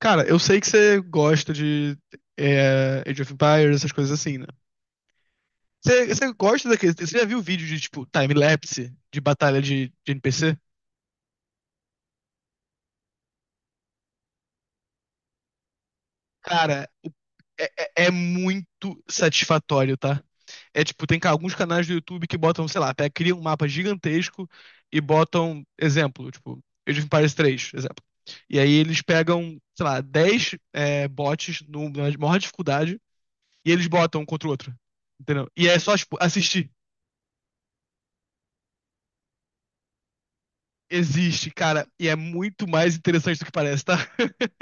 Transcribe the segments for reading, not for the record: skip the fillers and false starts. Cara, eu sei que você gosta de Age of Empires, essas coisas assim, né? Você gosta daquele. Você já viu vídeo de, tipo, time-lapse de batalha de NPC? Cara, é, é muito satisfatório, tá? É tipo, tem alguns canais do YouTube que botam, sei lá, criam um mapa gigantesco e botam, exemplo, tipo, Age of Empires 3, exemplo. E aí eles pegam, sei lá, 10 bots na maior dificuldade e eles botam um contra o outro. Entendeu? E é só, tipo, assistir. Existe, cara, e é muito mais interessante do que parece, tá?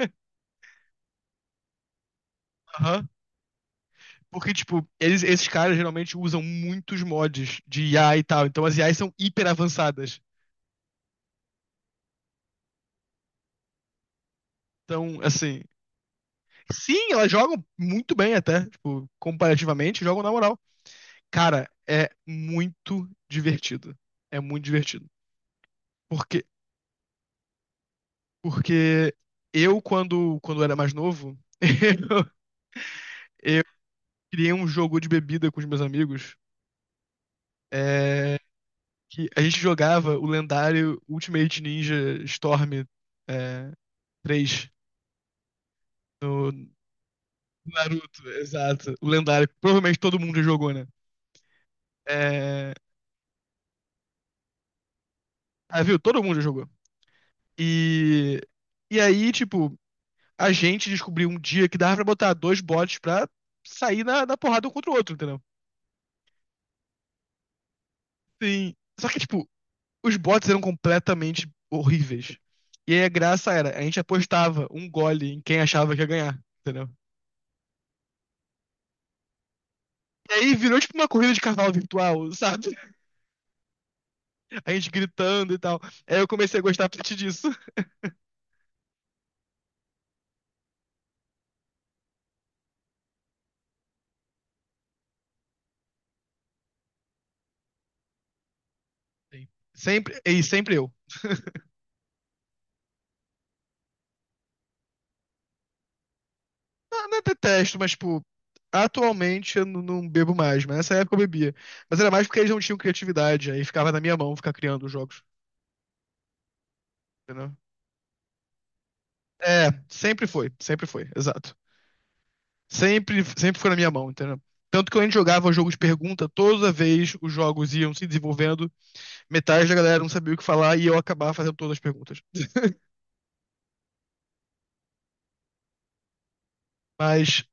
Aham. Porque, tipo, esses caras geralmente usam muitos mods de IA e tal. Então as IAs são hiper avançadas. Então, assim. Sim, elas jogam muito bem até. Tipo, comparativamente, jogam na moral. Cara, é muito divertido. É muito divertido. Porque, porque quando era mais novo, eu criei um jogo de bebida com os meus amigos. É, que a gente jogava o lendário Ultimate Ninja Storm é, 3 no Naruto, exato. O lendário, que provavelmente todo mundo já jogou, né? É, ah, viu? Todo mundo já jogou. E, e aí, tipo, a gente descobriu um dia que dava pra botar dois bots pra sair na porrada um contra o outro, entendeu? Sim. Só que, tipo, os bots eram completamente horríveis. E aí a graça era, a gente apostava um gole em quem achava que ia ganhar, entendeu? E aí virou tipo uma corrida de carnaval virtual, sabe? A gente gritando e tal. Aí eu comecei a gostar a partir disso. Sim. Sempre, e sempre eu. Não, não detesto, mas tipo, atualmente eu não bebo mais, mas nessa época eu bebia. Mas era mais porque eles não tinham criatividade, aí ficava na minha mão ficar criando os jogos, entendeu? É, sempre foi, exato. Sempre, sempre foi na minha mão, entendeu? Tanto que quando a gente jogava o jogo de pergunta, toda vez os jogos iam se desenvolvendo, metade da galera não sabia o que falar e eu acabava fazendo todas as perguntas. Mas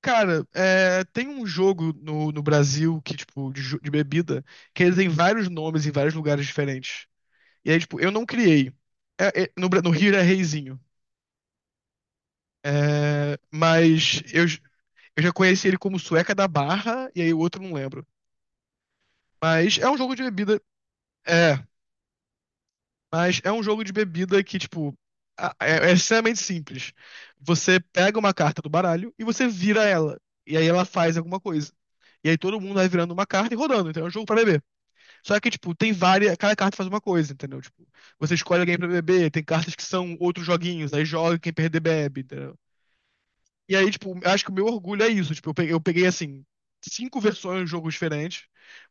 Cara, é, tem um jogo no Brasil que, tipo, de bebida, que ele tem vários nomes em vários lugares diferentes. E aí, tipo, eu não criei. No Rio é Reizinho. Mas eu já conheci ele como Sueca da Barra, e aí o outro eu não lembro. Mas é um jogo de bebida. É, mas é um jogo de bebida que, tipo, é extremamente simples. Você pega uma carta do baralho e você vira ela. E aí ela faz alguma coisa. E aí todo mundo vai virando uma carta e rodando. Então é um jogo pra beber. Só que, tipo, tem várias. Cada carta faz uma coisa, entendeu? Tipo, você escolhe alguém pra beber, tem cartas que são outros joguinhos, aí joga e quem perder bebe, entendeu? E aí, tipo, eu acho que o meu orgulho é isso. Tipo, eu peguei, assim, cinco versões de jogos diferentes,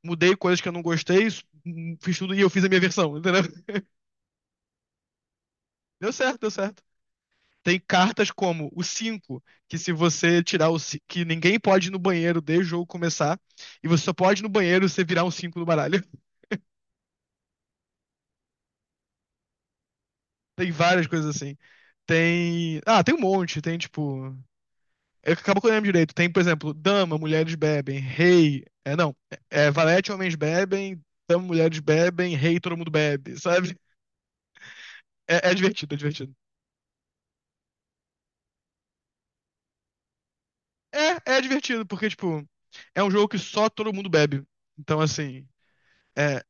mudei coisas que eu não gostei, fiz tudo e eu fiz a minha versão, entendeu? Deu certo, deu certo. Tem cartas como o 5 que, se você tirar que ninguém pode ir no banheiro desde o jogo começar, e você só pode ir no banheiro se você virar um cinco no baralho. Tem várias coisas assim. Tem. Ah, tem um monte. Tem, tipo. Acabou que eu lembro direito. Tem, por exemplo, dama, mulheres bebem, rei. É, não. Valete, homens bebem, dama, mulheres bebem, rei, todo mundo bebe, sabe? É divertido, é divertido. É divertido, porque, tipo, é um jogo que só todo mundo bebe. Então, assim. É,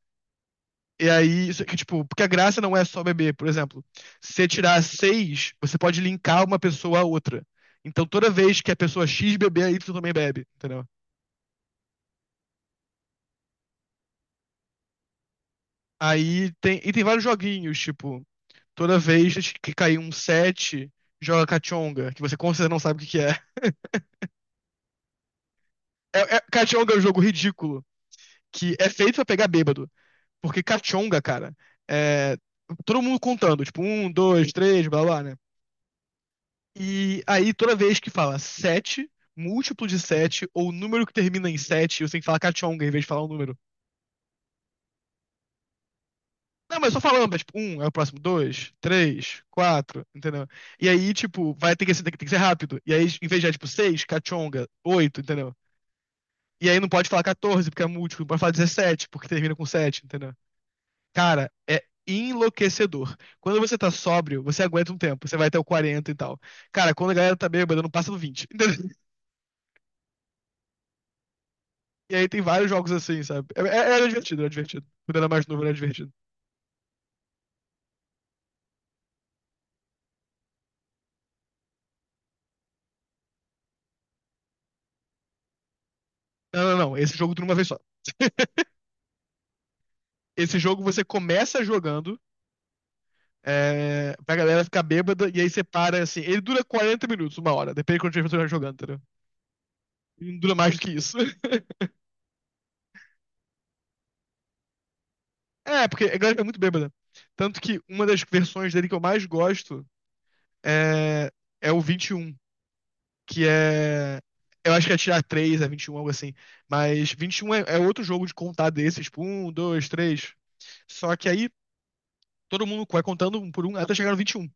e aí, isso aqui, tipo, porque a graça não é só beber, por exemplo. Se você tirar seis, você pode linkar uma pessoa a outra. Então, toda vez que a pessoa X beber, a Y também bebe, entendeu? Aí tem. E tem vários joguinhos, tipo. Toda vez que cair um set joga Cachonga, que você com certeza não sabe o que que é. Cachonga é um jogo ridículo, que é feito pra pegar bêbado. Porque Cachonga, cara, é todo mundo contando, tipo, um, dois, três, blá blá, né? E aí toda vez que fala 7, múltiplo de 7, ou número que termina em 7, você tem que falar Cachonga em vez de falar um número. Não, mas só falando, mas, tipo, um é o próximo, dois, três, quatro, entendeu? E aí, tipo, vai ter que ser, tem que ser rápido. E aí, em vez de, tipo, seis, cachonga, oito, entendeu? E aí não pode falar 14, porque é múltiplo, não pode falar 17 porque termina com 7, entendeu? Cara, é enlouquecedor. Quando você tá sóbrio, você aguenta um tempo, você vai até o 40 e tal. Cara, quando a galera tá bêbada, não passa do 20, entendeu? E aí tem vários jogos assim, sabe? Era divertido, era divertido. Quando era mais novo, era divertido. Não, não, não. Esse jogo tudo uma vez só. Esse jogo você começa jogando pra galera ficar bêbada, e aí você para assim. Ele dura 40 minutos, uma hora, depende de quanto você estiver jogando, entendeu? Ele não dura mais do que isso. É, porque a galera é muito bêbada. Tanto que uma das versões dele que eu mais gosto é, é o 21, que é. Eu acho que é tirar 3, é 21, algo assim. Mas 21 é outro jogo de contar desses, tipo, 1, 2, 3. Só que aí todo mundo vai contando um por um até chegar no 21.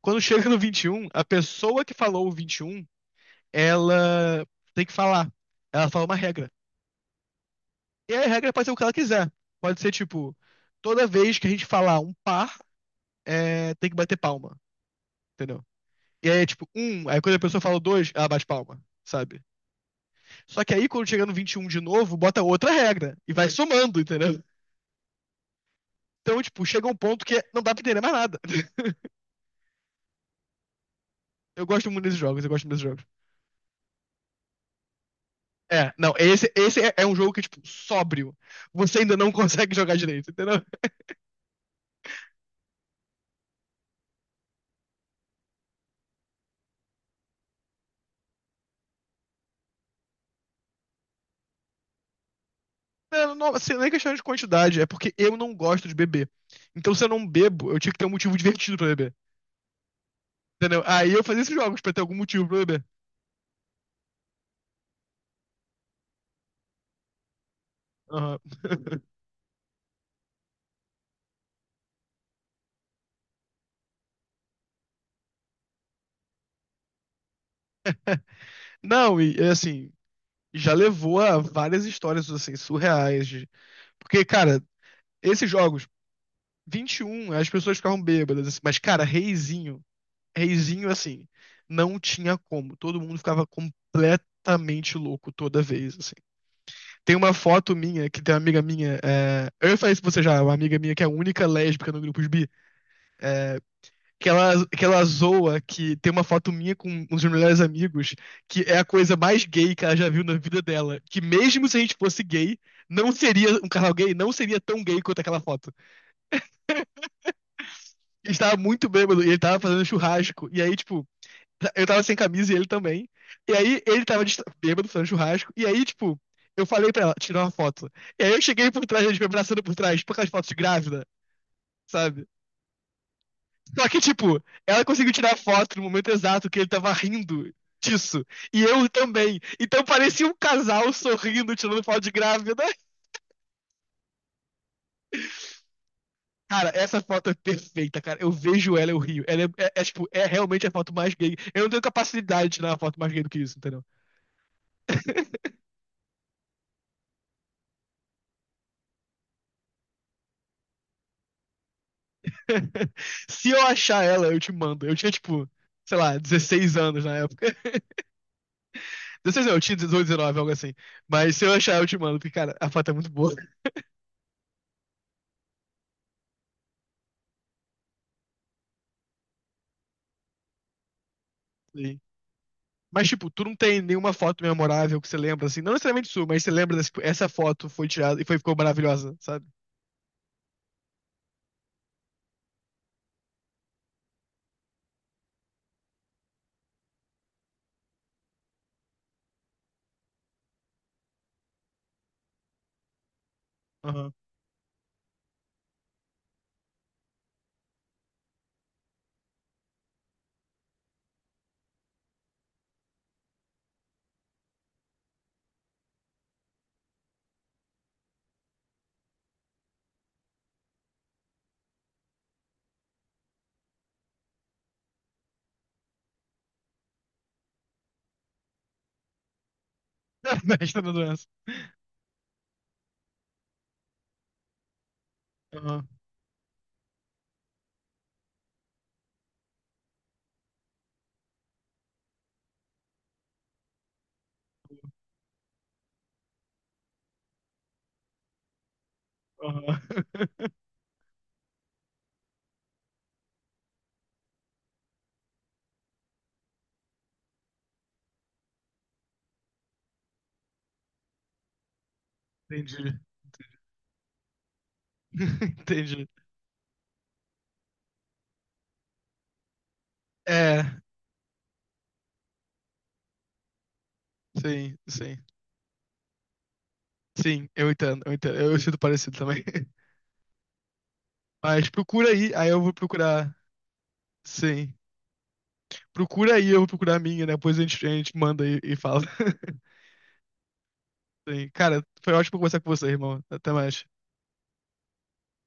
Quando chega no 21, a pessoa que falou o 21, ela tem que falar. Ela fala uma regra. E a regra pode ser o que ela quiser. Pode ser, tipo, toda vez que a gente falar um par, tem que bater palma. Entendeu? E aí é tipo, um, aí quando a pessoa fala dois, ela bate palma, sabe? Só que aí quando chega no 21 de novo, bota outra regra e vai somando, entendeu? Então, tipo, chega um ponto que não dá pra entender mais nada. Eu gosto muito desses jogos, eu gosto muito desses jogos. É, não, esse é um jogo que, tipo, sóbrio. Você ainda não consegue jogar direito, entendeu? Não, não, assim, não é questão de quantidade, é porque eu não gosto de beber. Então, se eu não bebo, eu tinha que ter um motivo divertido pra beber. Entendeu? Aí eu fazia esses jogos pra ter algum motivo pra beber. Aham. Não, e é assim, já levou a várias histórias assim surreais. De... Porque, cara, esses jogos 21, as pessoas ficavam bêbadas assim, mas, cara, Reizinho, Reizinho assim, não tinha como, todo mundo ficava completamente louco toda vez assim. Tem uma foto minha que tem uma amiga minha, eu falei isso pra você já. Uma amiga minha que é a única lésbica no grupo bi, é... que ela zoa que tem uma foto minha com um dos meus melhores amigos, que é a coisa mais gay que ela já viu na vida dela. Que mesmo se a gente fosse gay, não seria um casal gay, não seria tão gay quanto aquela foto. Ele estava muito bêbado e ele estava fazendo churrasco. E aí, tipo, eu tava sem camisa e ele também. E aí ele tava bêbado fazendo churrasco. E aí, tipo, eu falei pra ela tirar uma foto. E aí eu cheguei por trás, a gente me abraçando por trás, por aquelas fotos de grávida, sabe? Só que, tipo, ela conseguiu tirar foto no momento exato que ele tava rindo disso. E eu também. Então parecia um casal sorrindo, tirando foto de grávida. Cara, essa foto é perfeita, cara. Eu vejo ela, eu rio. Ela é realmente a foto mais gay. Eu não tenho capacidade de tirar uma foto mais gay do que isso, entendeu? Se eu achar ela, eu te mando. Eu tinha, tipo, sei lá, 16 anos na época. 16 não, eu tinha 18, 19, algo assim. Mas se eu achar, eu te mando, porque, cara, a foto é muito boa. Sim. Mas, tipo, tu não tem nenhuma foto memorável que você lembra, assim. Não necessariamente sua, mas você lembra dessa, tipo, essa foto foi tirada e ficou maravilhosa, sabe? Aham. Mestre da doença. Aham. Aham. Entendi. Entendi. É, sim, sim. Sim, eu entendo, eu entendo. Eu sinto parecido também. Mas procura aí, aí eu vou procurar. Sim. Procura aí, eu vou procurar a minha, né? Depois a gente manda e fala. Sim. Cara, foi ótimo conversar com você, irmão. Até mais.